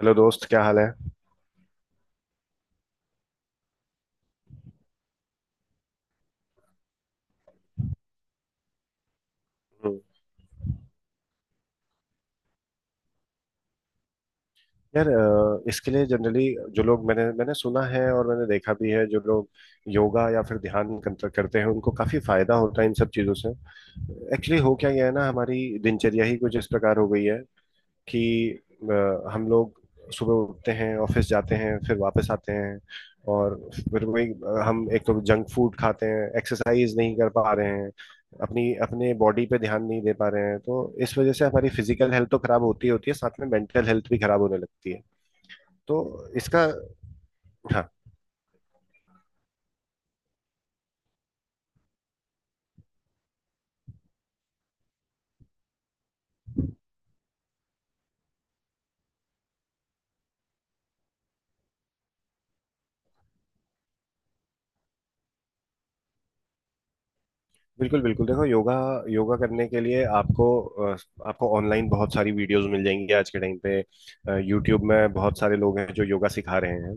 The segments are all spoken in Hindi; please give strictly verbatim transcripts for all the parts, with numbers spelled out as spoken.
हेलो दोस्त, क्या हाल है। हम्म। यार, अ, इसके लिए जनरली जो लोग मैंने मैंने सुना है और मैंने देखा भी है, जो लोग योगा या फिर ध्यान कंत- करते हैं उनको काफी फायदा होता है इन सब चीजों से। एक्चुअली हो क्या गया है ना, हमारी दिनचर्या ही कुछ इस प्रकार हो गई है कि अ, हम लोग सुबह उठते हैं, ऑफिस जाते हैं, फिर वापस आते हैं और फिर वही अ, हम एक तो जंक फूड खाते हैं, एक्सरसाइज नहीं कर पा रहे हैं, अपनी अपने बॉडी पे ध्यान नहीं दे पा रहे हैं, तो इस वजह से हमारी फिजिकल हेल्थ तो खराब होती ही होती है, साथ में मेंटल हेल्थ भी खराब होने लगती है। तो इसका। हाँ। बिल्कुल बिल्कुल, देखो योगा। योगा करने के लिए आपको अ, आपको ऑनलाइन बहुत सारी वीडियोस मिल जाएंगी आज के टाइम पे। यूट्यूब में बहुत सारे लोग हैं जो योगा सिखा रहे हैं।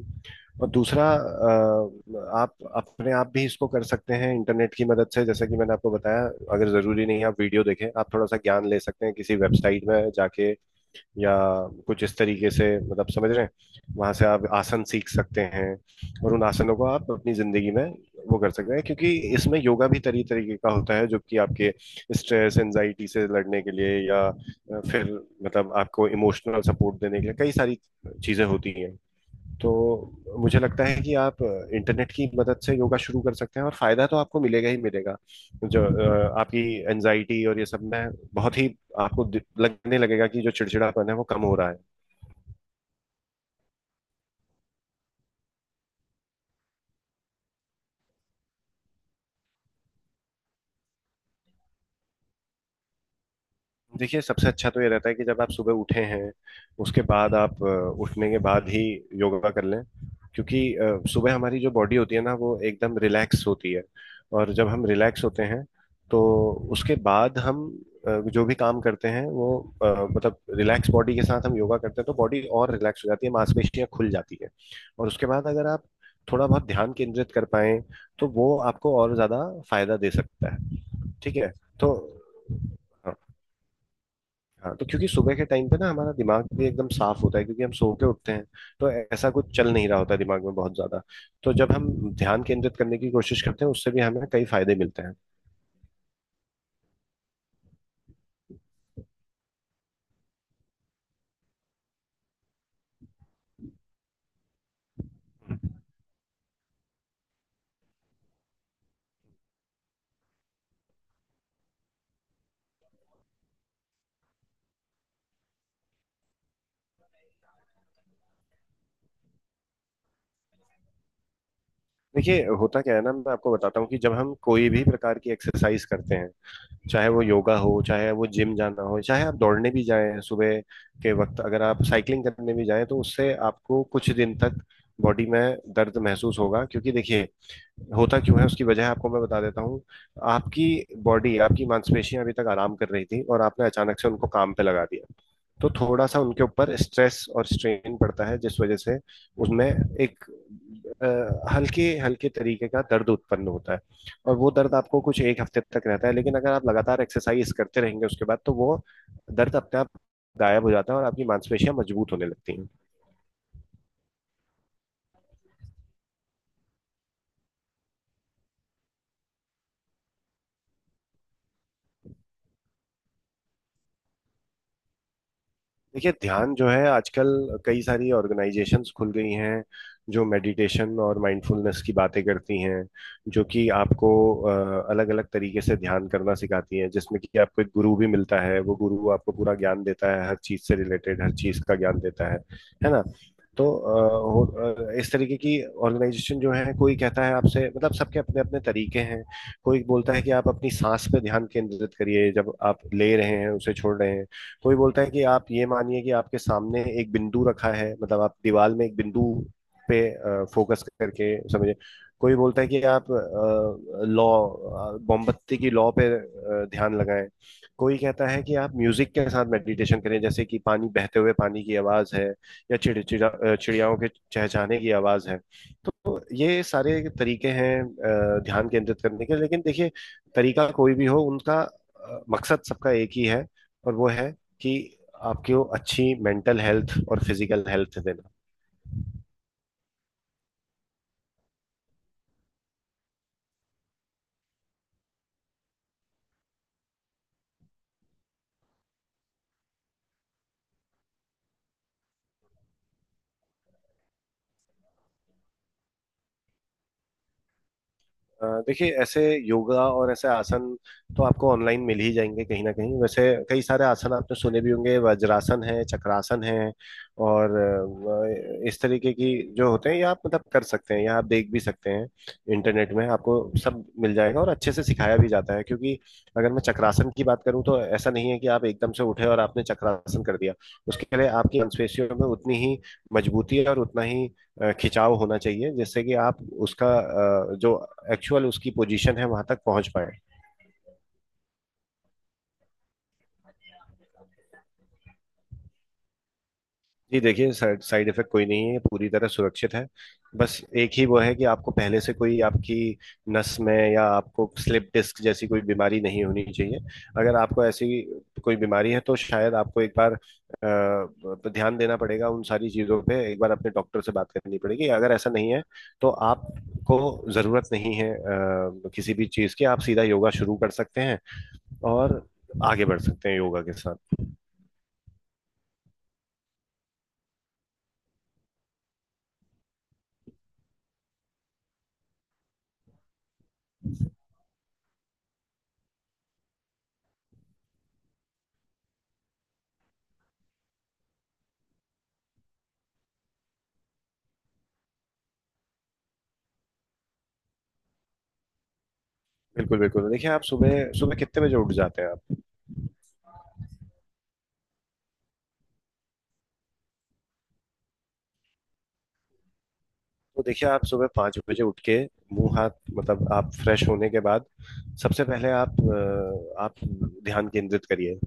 और दूसरा, अ, आप अपने आप भी इसको कर सकते हैं इंटरनेट की मदद से, जैसे कि मैंने आपको बताया। अगर ज़रूरी नहीं है, आप वीडियो देखें, आप थोड़ा सा ज्ञान ले सकते हैं किसी वेबसाइट में जाके, या कुछ इस तरीके से, मतलब समझ रहे हैं। वहां से आप आसन सीख सकते हैं और उन आसनों को आप अपनी ज़िंदगी में वो कर सकते हैं, क्योंकि इसमें योगा भी तरी तरीके का होता है जो कि आपके स्ट्रेस एंजाइटी से लड़ने के लिए या अ, फिर मतलब आपको इमोशनल सपोर्ट देने के लिए कई सारी चीज़ें होती हैं। तो मुझे लगता है कि आप इंटरनेट की मदद से योगा शुरू कर सकते हैं और फायदा तो आपको मिलेगा ही मिलेगा। जो अ, आपकी एनजाइटी और ये सब में बहुत ही आपको दि- लगने लगेगा कि जो चिड़चिड़ापन है वो कम हो रहा है। देखिए, सबसे अच्छा तो ये रहता है कि जब आप सुबह उठे हैं उसके बाद आप अ, उठने के बाद ही योगा कर लें, क्योंकि अ, सुबह हमारी जो बॉडी होती है ना वो एकदम रिलैक्स होती है। और जब हम रिलैक्स होते हैं तो उसके बाद हम अ, जो भी काम करते हैं वो अ, मतलब रिलैक्स बॉडी के साथ हम योगा करते हैं तो बॉडी और रिलैक्स हो जाती है, मांसपेशियां खुल जाती है। और उसके बाद अगर आप थोड़ा बहुत ध्यान केंद्रित कर पाए तो वो आपको और ज्यादा फायदा दे सकता है। ठीक है। तो हाँ, तो क्योंकि सुबह के टाइम पे ना हमारा दिमाग भी एकदम साफ होता है, क्योंकि हम सो के उठते हैं। तो ऐसा कुछ चल नहीं रहा होता है दिमाग में बहुत ज्यादा। तो जब हम ध्यान केंद्रित करने की कोशिश करते हैं उससे भी हमें कई फायदे मिलते हैं। देखिए, होता क्या है ना, मैं आपको बताता हूँ कि जब हम कोई भी प्रकार की एक्सरसाइज करते हैं, चाहे वो योगा हो, चाहे वो जिम जाना हो, चाहे आप दौड़ने भी जाएं सुबह के वक्त, अगर आप साइकिलिंग करने भी जाएं, तो उससे आपको कुछ दिन तक बॉडी में दर्द महसूस होगा। क्योंकि देखिए, होता क्यों है उसकी वजह आपको मैं बता देता हूँ। आपकी बॉडी, आपकी मांसपेशियां अभी तक आराम कर रही थी और आपने अचानक से उनको काम पे लगा दिया। तो थोड़ा सा उनके ऊपर स्ट्रेस और स्ट्रेन पड़ता है, जिस वजह से उनमें एक अ, हल्के हल्के तरीके का दर्द उत्पन्न होता है। और वो दर्द आपको कुछ एक हफ्ते तक रहता है, लेकिन अगर आप लगातार एक्सरसाइज करते रहेंगे उसके बाद तो वो दर्द अपने आप गायब हो जाता है और आपकी मांसपेशियां मजबूत होने लगती हैं। देखिए, ध्यान जो है, आजकल कई सारी ऑर्गेनाइजेशंस खुल गई हैं जो मेडिटेशन और माइंडफुलनेस की बातें करती हैं, जो कि आपको अलग अलग तरीके से ध्यान करना सिखाती हैं, जिसमें कि आपको एक गुरु भी मिलता है, वो गुरु आपको पूरा ज्ञान देता है, हर चीज से रिलेटेड हर चीज का ज्ञान देता है है ना। तो अ, हो- अ, इस तरीके की ऑर्गेनाइजेशन जो है, कोई कहता है आपसे, मतलब सबके अपने अपने तरीके हैं। कोई बोलता है कि आप अपनी सांस पे ध्यान केंद्रित करिए जब आप ले रहे हैं उसे छोड़ रहे हैं। कोई बोलता है कि आप ये मानिए कि आपके सामने एक बिंदु रखा है, मतलब आप दीवार में एक बिंदु पे फोकस करके, समझे। कोई बोलता है कि आप लॉ, मोमबत्ती की लॉ पे अ, ध्यान लगाएं। कोई कहता है कि आप म्यूजिक के साथ मेडिटेशन करें, जैसे कि पानी, बहते हुए पानी की आवाज है या चिड़चिड़ा अ, चिड़ियाओं के चहचहाने की आवाज है। तो ये सारे तरीके हैं अ, ध्यान केंद्रित करने के। लेकिन देखिए, तरीका कोई भी हो, उनका अ, मकसद सबका एक ही है और वो है कि आपकी वो अच्छी मेंटल हेल्थ और फिजिकल हेल्थ देना। अ, देखिए, ऐसे योगा और ऐसे आसन तो आपको ऑनलाइन मिल ही जाएंगे कहीं ना कहीं। वैसे कई सारे आसन आपने सुने भी होंगे, वज्रासन है, चक्रासन है और अ, इस तरीके की जो होते हैं, ये आप मतलब कर सकते हैं या आप देख भी सकते हैं, इंटरनेट में आपको सब मिल जाएगा और अच्छे से सिखाया भी जाता है। क्योंकि अगर मैं चक्रासन की बात करूं तो ऐसा नहीं है कि आप एकदम से उठे और आपने चक्रासन कर दिया। उसके लिए आपकी मांसपेशियों में उतनी ही मजबूती और उतना ही अ, खिंचाव होना चाहिए जिससे कि आप उसका अ, जो एक्चुअल उसकी पोजीशन है वहां तक पहुंच पाए। जी देखिए, साइड साइड इफेक्ट कोई नहीं है, ये पूरी तरह सुरक्षित है। बस एक ही वो है कि आपको पहले से कोई आपकी नस में या आपको स्लिप डिस्क जैसी कोई बीमारी नहीं होनी चाहिए। अगर आपको ऐसी कोई बीमारी है तो शायद आपको एक बार अ, ध्यान देना पड़ेगा उन सारी चीजों पे, एक बार अपने डॉक्टर से बात करनी पड़ेगी। अगर ऐसा नहीं है तो आपको जरूरत नहीं है अ, किसी भी चीज की, आप सीधा योगा शुरू कर सकते हैं और आगे बढ़ सकते हैं योगा के साथ। बिल्कुल बिल्कुल, देखिए आप सुबह सुबह कितने बजे उठ जाते हैं आप। तो देखिए, आप सुबह पाँच बजे उठ के, मुंह हाथ, मतलब आप फ्रेश होने के बाद सबसे पहले आप अ, आप ध्यान केंद्रित करिए,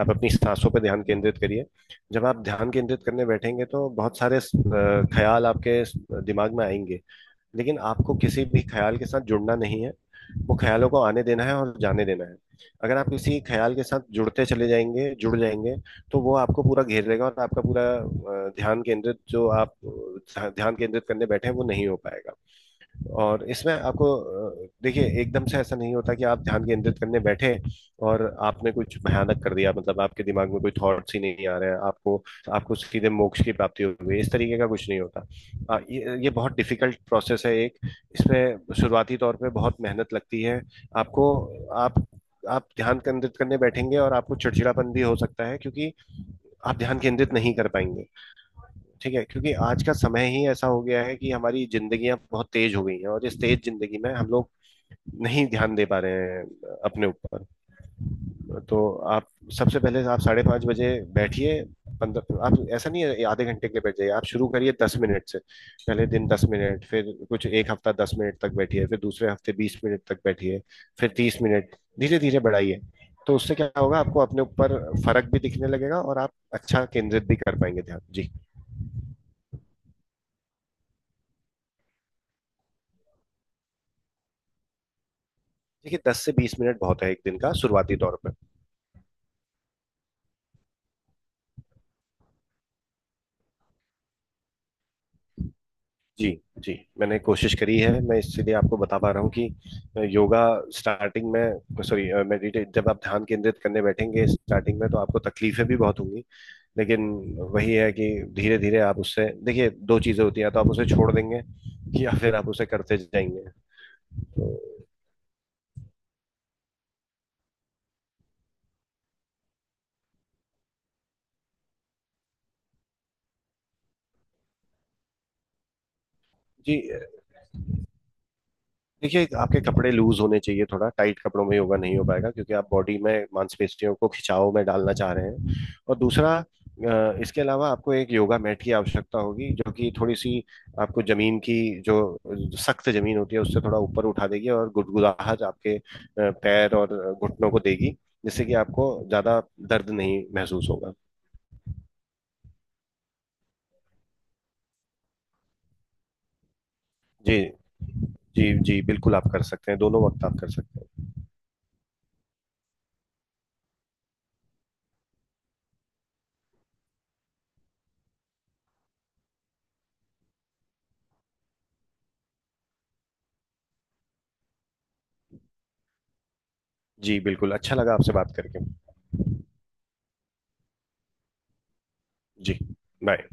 आप अपनी सांसों पर ध्यान केंद्रित करिए। जब आप ध्यान केंद्रित करने बैठेंगे तो बहुत सारे अ, ख्याल आपके दिमाग में आएंगे, लेकिन आपको किसी भी ख्याल के साथ जुड़ना नहीं है। वो ख्यालों को आने देना है और जाने देना है। अगर आप किसी ख्याल के साथ जुड़ते चले जाएंगे जुड़ जाएंगे, तो वो आपको पूरा घेर लेगा और आपका पूरा अ, ध्यान केंद्रित जो आप अ, ध्यान केंद्रित करने बैठे हैं वो नहीं हो पाएगा। और इसमें आपको अ, देखिए, एकदम से ऐसा नहीं होता कि आप ध्यान केंद्रित करने बैठे और आपने कुछ भयानक कर दिया, मतलब आपके दिमाग में कोई थॉट्स ही नहीं आ रहे हैं आपको, आपको सीधे मोक्ष की प्राप्ति हो गई, इस तरीके का कुछ नहीं होता। अ, ये, ये बहुत डिफिकल्ट प्रोसेस है एक, इसमें शुरुआती तौर पे बहुत मेहनत लगती है। आपको आप आप ध्यान केंद्रित करने बैठेंगे और आपको चिड़चिड़ापन भी हो सकता है, क्योंकि आप ध्यान केंद्रित नहीं कर पाएंगे। ठीक है, क्योंकि आज का समय ही ऐसा हो गया है कि हमारी जिंदगियां बहुत तेज हो गई हैं और इस तेज जिंदगी में हम लोग नहीं ध्यान दे पा रहे हैं अपने ऊपर। तो आप सबसे पहले आप साढ़े पाँच बजे बैठिए, पंद्रह, आप ऐसा नहीं है आधे घंटे के लिए बैठ जाइए, आप शुरू करिए दस मिनट से। पहले दिन दस मिनट, फिर कुछ एक हफ्ता दस मिनट तक बैठिए, फिर दूसरे हफ्ते बीस मिनट तक बैठिए, फिर तीस मिनट, धीरे धीरे बढ़ाइए। तो उससे क्या होगा, आपको अपने ऊपर फर्क भी दिखने लगेगा और आप अच्छा केंद्रित भी कर पाएंगे ध्यान। जी देखिए, दस से बीस मिनट बहुत है एक दिन का शुरुआती तौर पर। जी जी, मैंने कोशिश करी है, मैं इसलिए आपको बता पा रहा हूँ कि योगा स्टार्टिंग में, सॉरी, मेडिटेट, जब आप ध्यान केंद्रित करने बैठेंगे स्टार्टिंग में तो आपको तकलीफें भी बहुत होंगी। लेकिन वही है कि धीरे धीरे आप उससे, देखिए दो चीजें होती हैं, या तो आप उसे छोड़ देंगे या फिर आप उसे करते जाएंगे तो। जी देखिए, आपके कपड़े लूज होने चाहिए, थोड़ा टाइट कपड़ों में योगा नहीं हो पाएगा, क्योंकि आप बॉडी में मांसपेशियों को खिंचाव में डालना चाह रहे हैं। और दूसरा, अ, इसके अलावा आपको एक योगा मैट की आवश्यकता होगी जो कि थोड़ी सी आपको जमीन की जो सख्त जमीन होती है उससे थोड़ा ऊपर उठा देगी और गुदगुदाहट आपके अ, पैर और घुटनों को देगी, जिससे कि आपको ज्यादा दर्द नहीं महसूस होगा। जी जी। जी बिल्कुल, आप कर सकते हैं, दोनों वक्त आप कर सकते हैं। जी बिल्कुल, अच्छा लगा आपसे बात करके। जी। बाय।